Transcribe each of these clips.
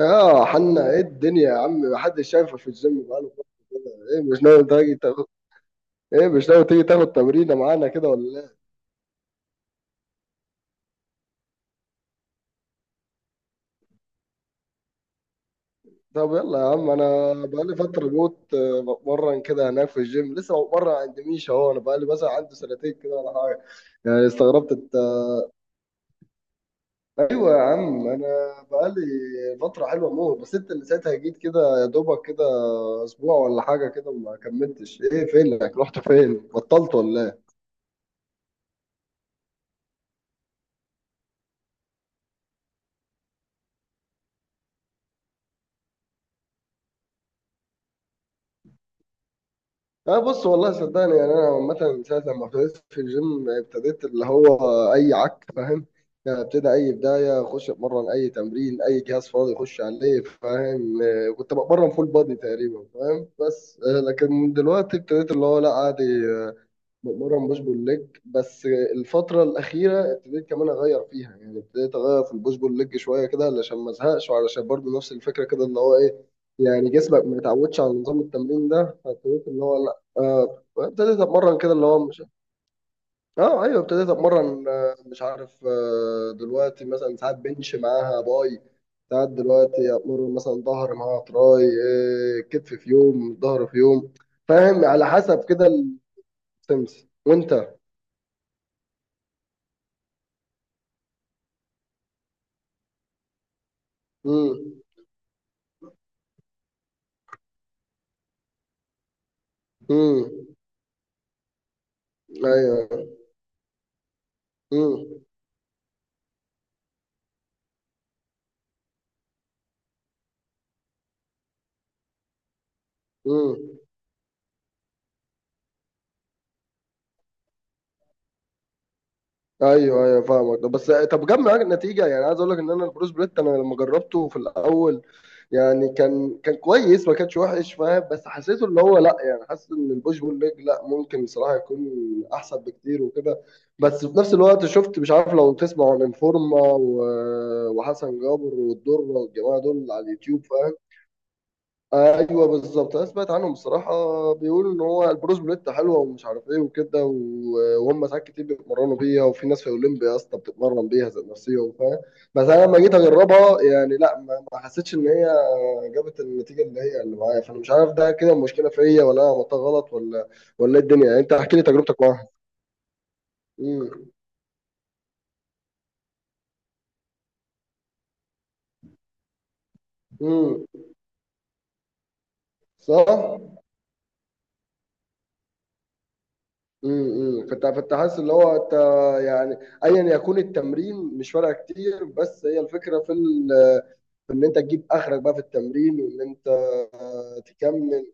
اه، حنا ايه الدنيا يا عم؟ محدش شايفه في الجيم بقاله. ايه مش ناوي تيجي تاخد ايه، مش ناوي تيجي تاخد تمرينه معانا كده ولا لا؟ طب يلا يا عم، انا بقالي فتره موت بتمرن كده هناك في الجيم، لسه بتمرن عند ميشا اهو. انا بقالي مثلا عندي سنتين كده ولا حاجه، يعني استغربت انت. ايوه يا عم، انا بقالي فتره حلوه موت، بس انت اللي ساعتها جيت كده يا دوبك كده اسبوع ولا حاجه كده وما كملتش. ايه، فينك؟ رحت فين؟ بطلت ولا؟ أه، بص والله صدقني، يعني أنا عامة من ساعة لما ابتديت في الجيم ابتديت اللي هو أي عك، فاهم؟ يعني ابتدى أي بداية أخش أتمرن، أي تمرين، أي جهاز فاضي أخش عليه، فاهم؟ أه، كنت بتمرن فول بادي تقريبا، فاهم؟ بس أه، لكن دلوقتي ابتديت اللي هو لا عادي مؤمرة مش بول ليج بس. الفترة الأخيرة ابتديت كمان أغير فيها، يعني ابتديت أغير في البوش بول ليج شوية كده علشان ما أزهقش، وعلشان برضو نفس الفكرة كده اللي هو إيه، يعني جسمك ما يتعودش على نظام التمرين ده. فابتديت اللي هو لأ، ابتديت أتمرن كده اللي هو مش... أه أيوه، ابتديت أتمرن، مش عارف، دلوقتي مثلا ساعات بنش معاها باي، ساعات دلوقتي أتمرن مثلا ظهر معاها تراي، كتف في يوم، ظهر في يوم، فاهم؟ على حسب كده السمس. وأنت؟ امم. امم. ايوه. امم. امم. ايوه ايوه فاهمك. بس طب جاب معاك النتيجه يعني؟ عايز اقول لك ان انا البروس بليت انا لما جربته في الاول، يعني كان كويس، ما كانش وحش، فاهم؟ بس حسيته اللي هو لا، يعني حاسس ان البوش بول ليج لا ممكن صراحه يكون احسن بكتير وكده. بس في نفس الوقت شفت، مش عارف لو تسمع عن انفورما وحسن جابر والدره والجماعه دول على اليوتيوب. ايوه بالظبط، انا سمعت عنهم بصراحه، بيقولوا ان هو البروز بليت حلوه ومش عارف ايه وكده، وهم ساعات كتير بيتمرنوا بيها، وفي ناس في اولمبيا اصلا بتتمرن بيها ذات نفسيا، فاهم؟ بس انا لما جيت اجربها يعني لا، ما حسيتش ان هي جابت النتيجه اللي هي اللي معايا. فانا مش عارف ده كده المشكله فيا ولا انا عملتها غلط ولا ولا ايه الدنيا؟ يعني انت احكي لي تجربتك معاها. امم. امم. صح. امم، كنت حاسس اللي هو انت يعني ايا يكون التمرين مش فارقه كتير، بس هي الفكره في ال... في ان انت تجيب اخرك بقى في التمرين، وان انت تكمل.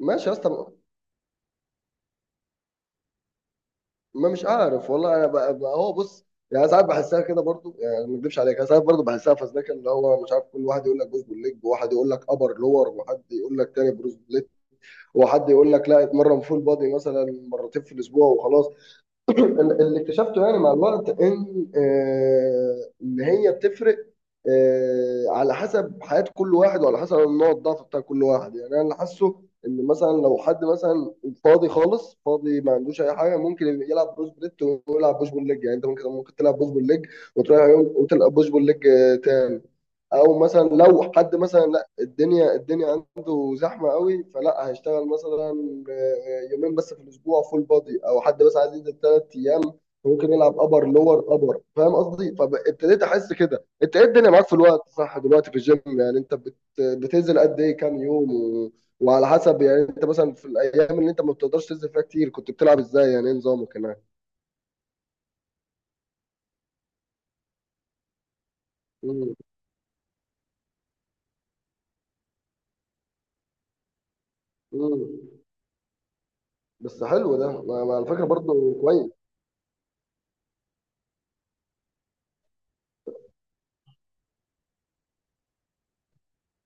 ماشي يا اسطى. ما مش عارف والله، انا بقى، هو بص، يعني ساعات بحسها كده برضو، يعني ما اكذبش عليك، أنا ساعات برضو بحسها فزلكه، اللي هو مش عارف كل واحد يقول لك بوش بول ليج، وواحد يقول لك ابر لور، وحد يقول لك تاني بروز بليت، وحد يقول لك لا اتمرن فول بادي مثلا مرتين في الاسبوع وخلاص. اللي اكتشفته يعني مع الوقت ان ان هي بتفرق على حسب حياة كل واحد، وعلى حسب النوع الضعف بتاع كل واحد. يعني انا اللي حاسه ان مثلا لو حد مثلا فاضي خالص، فاضي ما عندوش اي حاجه، ممكن يلعب بروس بليت ويلعب بوش بول ليج. يعني انت ممكن تلعب بوش بول ليج وتروح يوم وتلعب بوش بول ليج تاني. او مثلا لو حد مثلا الدنيا عنده زحمه قوي، فلا هيشتغل مثلا يومين بس في الاسبوع فول بادي، او حد بس عايز ينزل ثلاث ايام ممكن يلعب ابر لور ابر، فاهم قصدي؟ فابتديت احس كده. انت ايه الدنيا معاك في الوقت صح دلوقتي في الجيم؟ يعني انت بتنزل قد ايه؟ كام يوم و... وعلى حسب، يعني انت مثلا في الايام اللي انت ما بتقدرش تنزل فيها كتير كنت بتلعب ازاي؟ يعني ايه نظامك هناك؟ مم. مم. بس حلو ده، ما على فكره برضه كويس.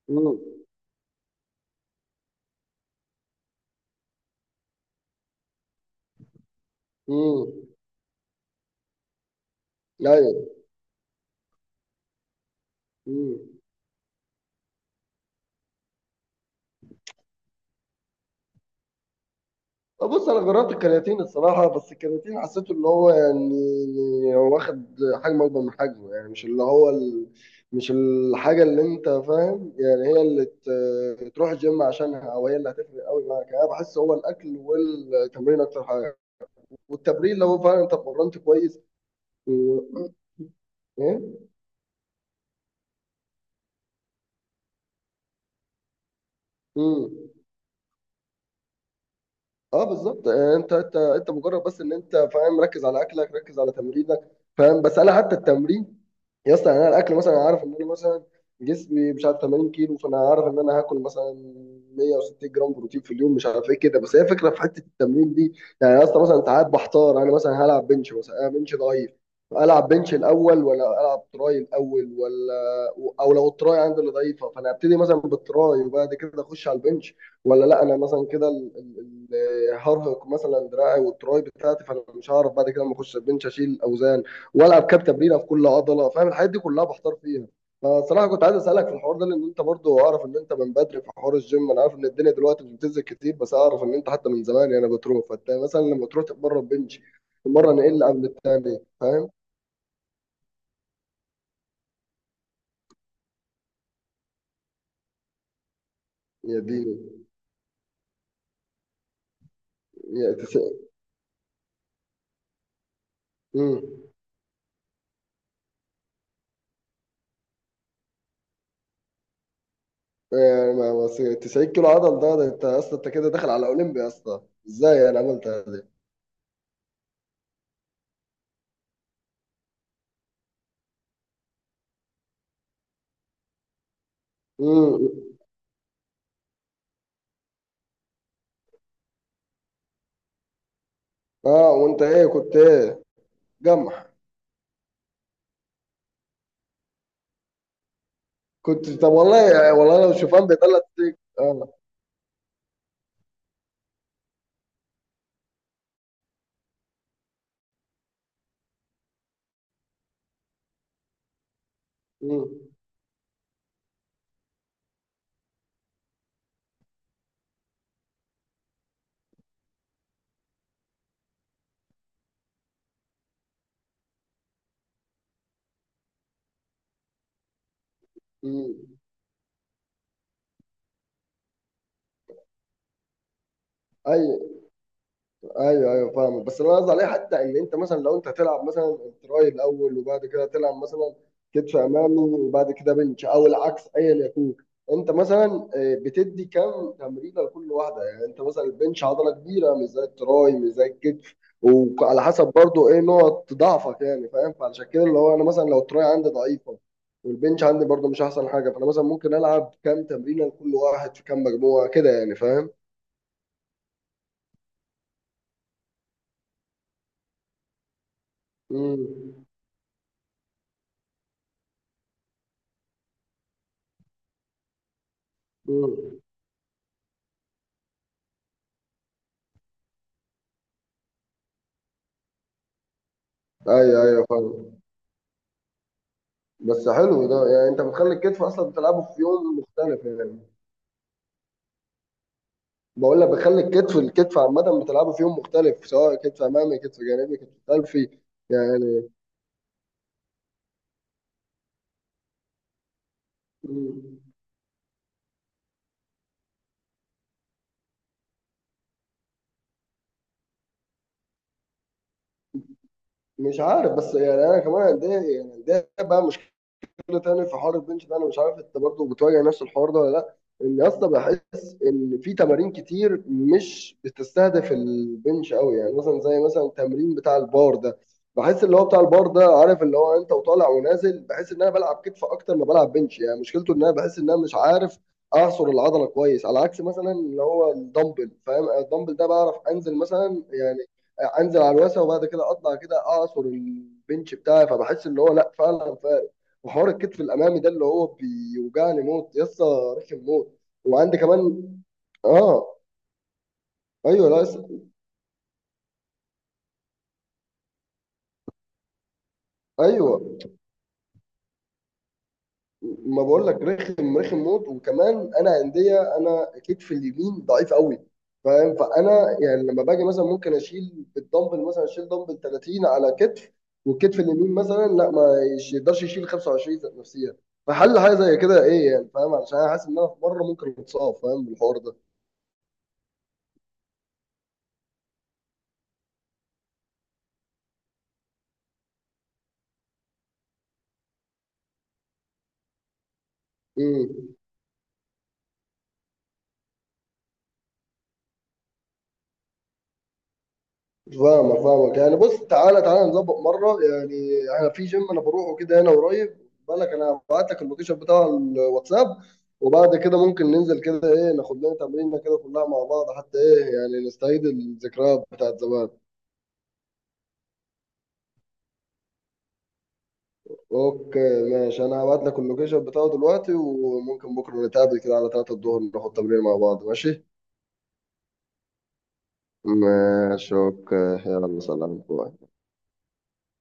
امم. امم. ايوه. مم. بص انا جربت الكرياتين الصراحه، بس الكرياتين حسيته اللي هو يعني واخد حجم اكبر من حجمه، يعني مش اللي هو ال... مش الحاجه اللي انت فاهم يعني هي اللي تروح الجيم عشانها، او هي اللي هتفرق قوي معاك. يعني انا بحس هو الاكل والتمرين اكتر حاجه، والتمرين لو فعلا انت اتمرنت كويس و... ايه؟ مم. اه بالظبط، انت مجرد بس ان انت فاهم، ركز على اكلك ركز على تمرينك، فاهم؟ بس انا حتى التمرين يا اسطى، يعني انا الاكل مثلا، أنا عارف ان انا مثلا جسمي مش عارف 80 كيلو، فانا عارف ان انا هاكل مثلا 160 جرام بروتين في اليوم مش عارف ايه كده. بس هي فكره في حته التمرين دي يعني يا اسطى. مثلا ساعات بحتار، انا مثلا هلعب بنش، مثلا انا بنش ضعيف، العب بنش الاول ولا العب تراي الاول؟ ولا او لو التراي عندي اللي ضعيفه فانا ابتدي مثلا بالتراي وبعد كده اخش على البنش؟ ولا لا انا مثلا كده هرهق مثلا دراعي والتراي بتاعتي، فانا مش هعرف بعد كده لما اخش البنش اشيل اوزان والعب كاب تمرينه في كل عضله، فاهم؟ الحاجات دي كلها بحتار فيها. فصراحه كنت عايز اسالك في الحوار ده، لان انت برضو اعرف ان انت من بدري في حوار الجيم. انا عارف ان الدنيا دلوقتي مش بتنزل كتير، بس اعرف ان انت حتى من زمان يعني بتروح. فانت مثلا لما تروح تتمرن بنش، تتمرن ايه اللي قبل التاني، فاهم؟ يا ديني. يا تس... مم. يعني 90 كيلو عضل ده، ده انت اصلا انت كده داخل على اولمبيا اصلا. ازاي انا عملت هذه؟ اه وانت ايه كنت ايه، جمح؟ كنت طب والله، والله لو شوفان بيطلع تيك. اه. مم. مم. ايوه. ايوه ايوه فاهمك. بس اللي انا قصدي عليه حتى ان انت مثلا، لو انت تلعب مثلا تراي الاول وبعد كده تلعب مثلا كتف امامي وبعد كده بنش، او العكس ايا يكون، انت مثلا بتدي كام تمرينه لكل واحده؟ يعني انت مثلا البنش عضله كبيره مش زي التراي، مش زي الكتف. وعلى حسب برضو ايه نقط ضعفك، يعني فاهم؟ فعشان كده اللي هو انا مثلا لو التراي عندي ضعيفه والبنش عندي برضو مش احسن حاجه، فانا مثلا ممكن العب كام تمرينه لكل واحد في كام مجموعه كده يعني، فاهم؟ امم. ايوه ايوه فاهم. بس حلو ده، يعني انت بتخلي الكتف اصلا بتلعبه في يوم مختلف يعني؟ بقول لك، بتخلي الكتف، الكتف عامه بتلعبه في يوم مختلف، سواء كتف امامي كتف جانبي كتف خلفي يعني. م- مش عارف، بس يعني انا كمان عندي، يعني عندي بقى مشكله كده تاني في حوار البنش ده. انا مش عارف انت برضه بتواجه نفس الحوار ده ولا لا، ان يا اسطى بحس ان في تمارين كتير مش بتستهدف البنش قوي. يعني مثلا زي مثلا التمرين بتاع البار ده، بحس اللي هو بتاع البار ده، عارف اللي هو انت وطالع ونازل، بحس ان انا بلعب كتف اكتر ما بلعب بنش. يعني مشكلته ان انا بحس ان انا مش عارف اعصر العضله كويس، على عكس مثلا اللي هو الدمبل، فاهم؟ الدمبل ده بعرف انزل مثلا يعني انزل على الواسع وبعد كده اطلع كده اعصر البنش بتاعي، فبحس اللي هو لا فعلا. وحوار الكتف الامامي ده اللي هو بيوجعني موت يسطا، رخم موت. وعندي كمان. اه. ايوه. لا يس-. ايوه، ما بقول لك رخم رخم موت. وكمان انا عندي، انا كتف اليمين ضعيف قوي، فاهم؟ فانا يعني لما باجي مثلا ممكن اشيل بالدمبل، مثلا اشيل دمبل 30 على كتف، والكتف اليمين مثلا لا، ما يش- يقدرش يشيل 25 ذات نفسيا. فحل حاجه زي كده ايه يعني، فاهم؟ علشان انا حاسس ان انا في مره ممكن اتصاب، فاهم بالحوار ده؟ امم. فاهمك يعني، بص، تعالى نظبط مرة يعني. انا في جيم انا بروحه كده هنا قريب، بالك؟ انا هبعت لك اللوكيشن بتاع الواتساب، وبعد كده ممكن ننزل كده، ايه ناخد لنا تمرينة كده كلها مع بعض، حتى ايه يعني نستعيد الذكريات بتاعت زمان. اوكي ماشي، انا هبعت لك اللوكيشن بتاعه دلوقتي، وممكن بكرة نتقابل كده على 3 الظهر، ناخد تمرين مع بعض، ماشي؟ ماشي اوكي. يلا سلام، باي.